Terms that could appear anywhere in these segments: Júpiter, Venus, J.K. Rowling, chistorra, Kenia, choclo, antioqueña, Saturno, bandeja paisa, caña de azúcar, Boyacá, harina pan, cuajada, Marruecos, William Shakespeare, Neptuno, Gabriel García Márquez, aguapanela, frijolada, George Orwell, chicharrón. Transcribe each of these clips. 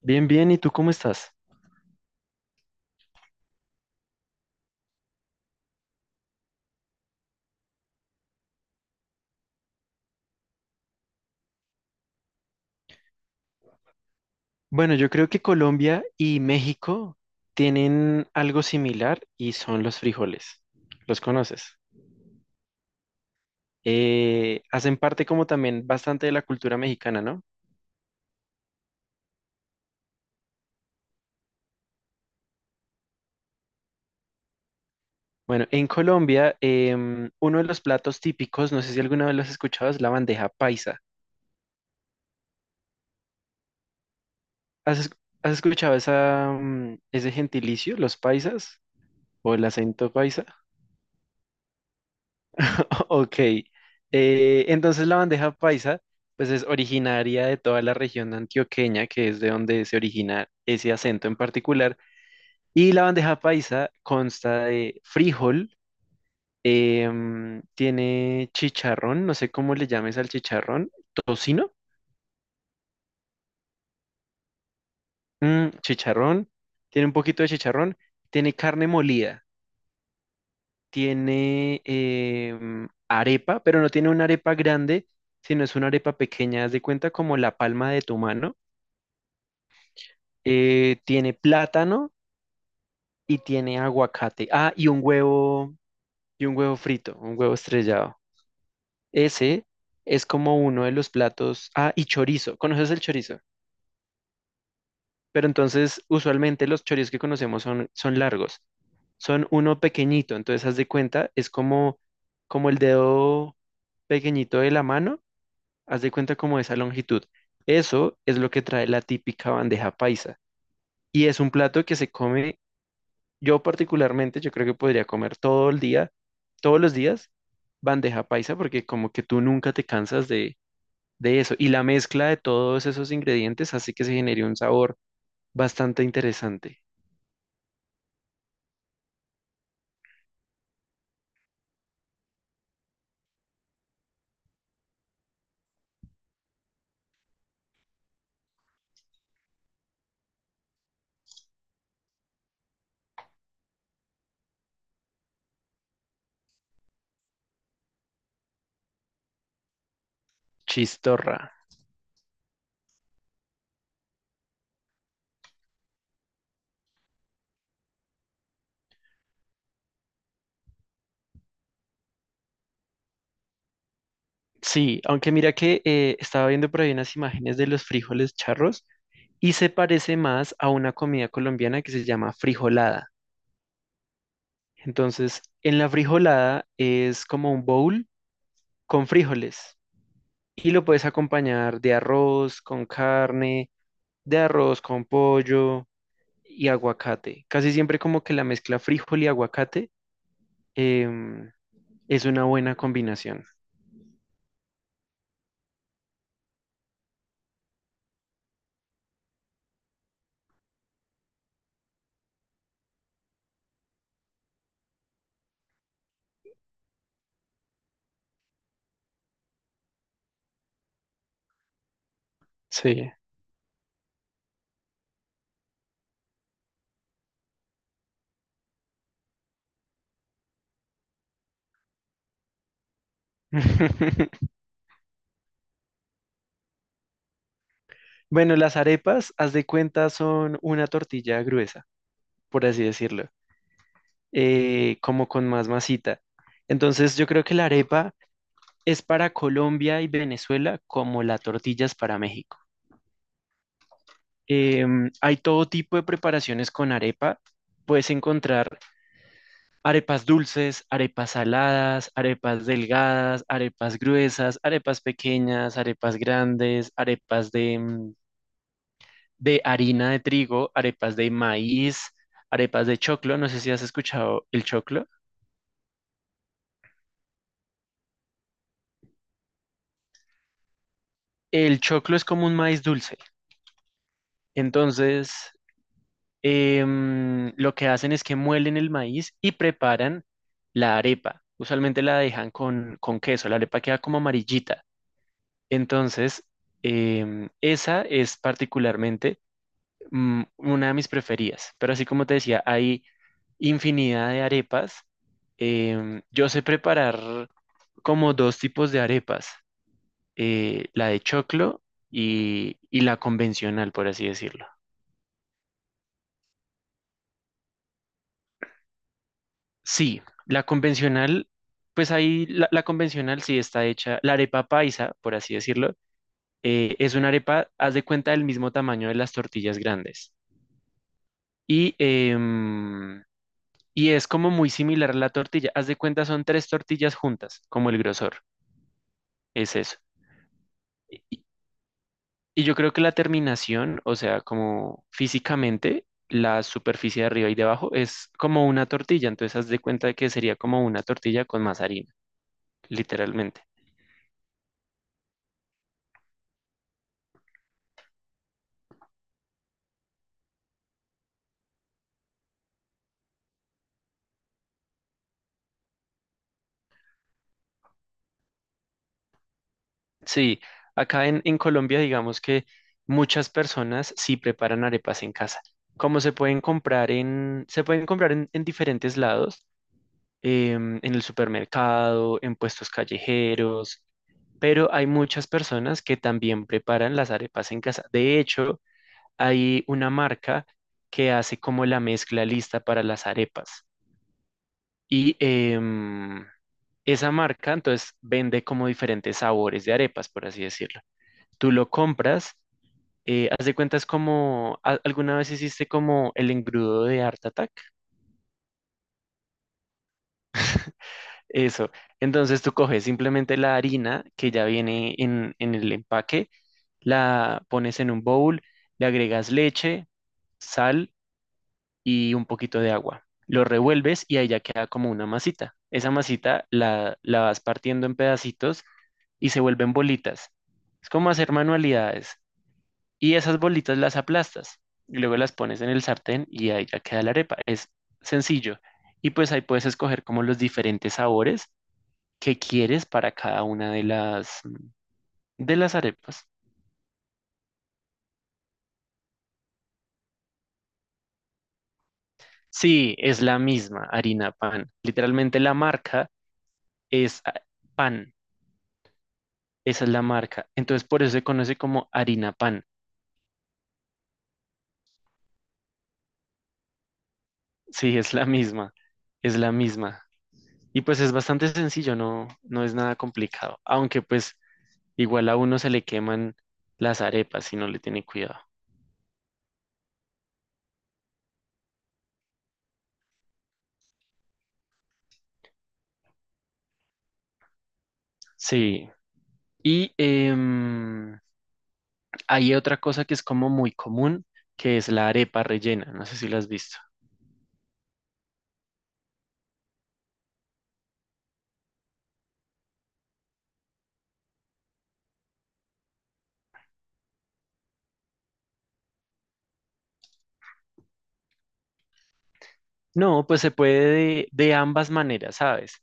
Bien, bien, ¿y tú cómo estás? Bueno, yo creo que Colombia y México tienen algo similar y son los frijoles. ¿Los conoces? Hacen parte como también bastante de la cultura mexicana, ¿no? Bueno, en Colombia, uno de los platos típicos, no sé si alguna vez lo has escuchado, es la bandeja paisa. ¿Has, es- Has escuchado esa, ese gentilicio, los paisas o el acento paisa? Ok, entonces la bandeja paisa pues es originaria de toda la región antioqueña, que es de donde se origina ese acento en particular. Y la bandeja paisa consta de frijol, tiene chicharrón, no sé cómo le llames al chicharrón, tocino, mm, chicharrón, tiene un poquito de chicharrón, tiene carne molida, tiene arepa, pero no tiene una arepa grande, sino es una arepa pequeña, haz de cuenta como la palma de tu mano. Tiene plátano y tiene aguacate. Ah, y un huevo frito, un huevo estrellado. Ese es como uno de los platos. Ah, y chorizo. ¿Conoces el chorizo? Pero entonces, usualmente los chorizos que conocemos son largos. Son uno pequeñito, entonces haz de cuenta, como el dedo pequeñito de la mano, haz de cuenta como esa longitud. Eso es lo que trae la típica bandeja paisa. Y es un plato que se come. Yo particularmente, yo creo que podría comer todo el día, todos los días, bandeja paisa, porque como que tú nunca te cansas de eso. Y la mezcla de todos esos ingredientes hace que se genere un sabor bastante interesante. Chistorra. Sí, aunque mira que estaba viendo por ahí unas imágenes de los frijoles charros y se parece más a una comida colombiana que se llama frijolada. Entonces, en la frijolada es como un bowl con frijoles. Y lo puedes acompañar de arroz con carne, de arroz con pollo y aguacate. Casi siempre como que la mezcla frijol y aguacate em, es una buena combinación. Sí. Bueno, las arepas, haz de cuenta, son una tortilla gruesa, por así decirlo. Como con más masita. Entonces yo creo que la arepa es para Colombia y Venezuela como la tortilla es para México. Em, hay todo tipo de preparaciones con arepa. Puedes encontrar arepas dulces, arepas saladas, arepas delgadas, arepas gruesas, arepas pequeñas, arepas grandes, arepas de harina de trigo, arepas de maíz, arepas de choclo. No sé si has escuchado el choclo. El choclo es como un maíz dulce. Entonces, lo que hacen es que muelen el maíz y preparan la arepa. Usualmente la dejan con queso, la arepa queda como amarillita. Entonces, esa es particularmente una de mis preferidas. Pero así como te decía, hay infinidad de arepas. Em, yo sé preparar como dos tipos de arepas, la de choclo y la convencional, por así decirlo. Sí, la convencional, pues ahí la convencional sí está hecha, la arepa paisa, por así decirlo, es una arepa, haz de cuenta, del mismo tamaño de las tortillas grandes. Y, y es como muy similar a la tortilla, haz de cuenta, son tres tortillas juntas, como el grosor, es eso. Y, y yo creo que la terminación, o sea, como físicamente, la superficie de arriba y de abajo es como una tortilla, entonces haz de cuenta que sería como una tortilla con más harina, literalmente. Sí, acá en Colombia digamos que muchas personas sí preparan arepas en casa. Como se pueden comprar en diferentes lados, en el supermercado, en puestos callejeros, pero hay muchas personas que también preparan las arepas en casa. De hecho, hay una marca que hace como la mezcla lista para las arepas. Y esa marca entonces vende como diferentes sabores de arepas, por así decirlo. Tú lo compras. Haz de cuenta es como, ¿alguna vez hiciste como el engrudo de Art Attack? Eso. Entonces tú coges simplemente la harina que ya viene en el empaque, la pones en un bowl, le agregas leche, sal y un poquito de agua. Lo revuelves y ahí ya queda como una masita. Esa masita la vas partiendo en pedacitos y se vuelven bolitas. Es como hacer manualidades. Y esas bolitas las aplastas y luego las pones en el sartén y ahí ya queda la arepa. Es sencillo. Y pues ahí puedes escoger como los diferentes sabores que quieres para cada una de las arepas. Sí, es la misma harina pan. Literalmente la marca es pan. Esa es la marca. Entonces por eso se conoce como harina pan. Sí, es la misma. Es la misma. Y pues es bastante sencillo, no, no es nada complicado. Aunque pues igual a uno se le queman las arepas si no le tiene cuidado. Sí. Y hay otra cosa que es como muy común, que es la arepa rellena. No sé si la has visto. No, pues se puede de ambas maneras, ¿sabes?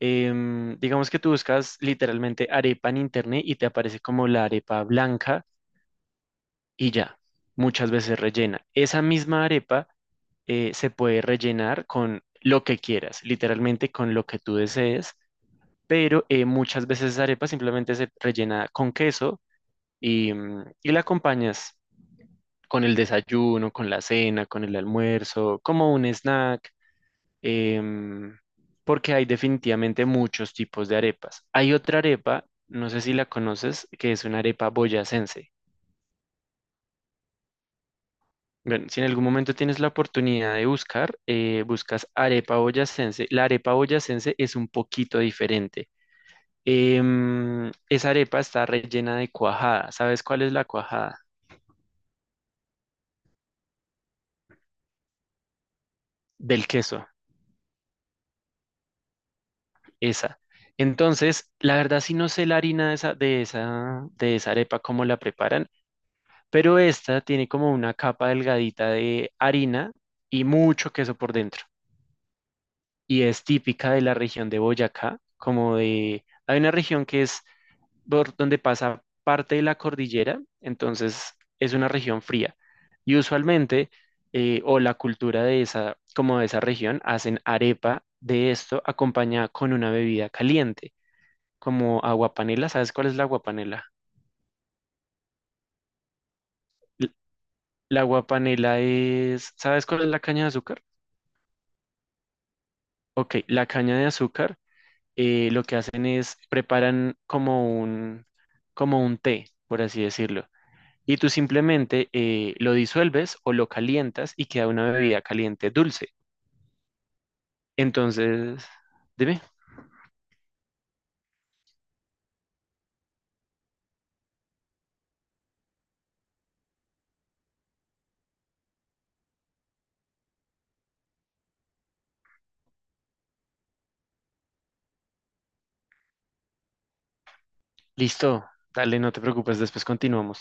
Em, digamos que tú buscas literalmente arepa en internet y te aparece como la arepa blanca y ya, muchas veces rellena. Esa misma arepa se puede rellenar con lo que quieras, literalmente con lo que tú desees. Pero muchas veces esa arepa simplemente se rellena con queso y y la acompañas con el desayuno, con la cena, con el almuerzo, como un snack, em, porque hay definitivamente muchos tipos de arepas. Hay otra arepa, no sé si la conoces, que es una arepa boyacense. Bueno, si en algún momento tienes la oportunidad de buscar, buscas arepa boyacense. La arepa boyacense es un poquito diferente. Em, esa arepa está rellena de cuajada. ¿Sabes cuál es la cuajada? Del queso, esa. Entonces, la verdad sí no sé la harina de esa, de esa arepa, cómo la preparan, pero esta tiene como una capa delgadita de harina y mucho queso por dentro. Y es típica de la región de Boyacá, como de, hay una región que es por donde pasa parte de la cordillera, entonces es una región fría. Y usualmente, o la cultura de esa, como de esa región, hacen arepa de esto acompañada con una bebida caliente, como aguapanela. ¿Sabes cuál es la aguapanela? L- La aguapanela es, ¿sabes cuál es la caña de azúcar? Ok, la caña de azúcar lo que hacen es preparan como un té, por así decirlo. Y tú simplemente lo disuelves o lo calientas y queda una bebida caliente dulce. Entonces, dime, listo, dale, no te preocupes, después continuamos.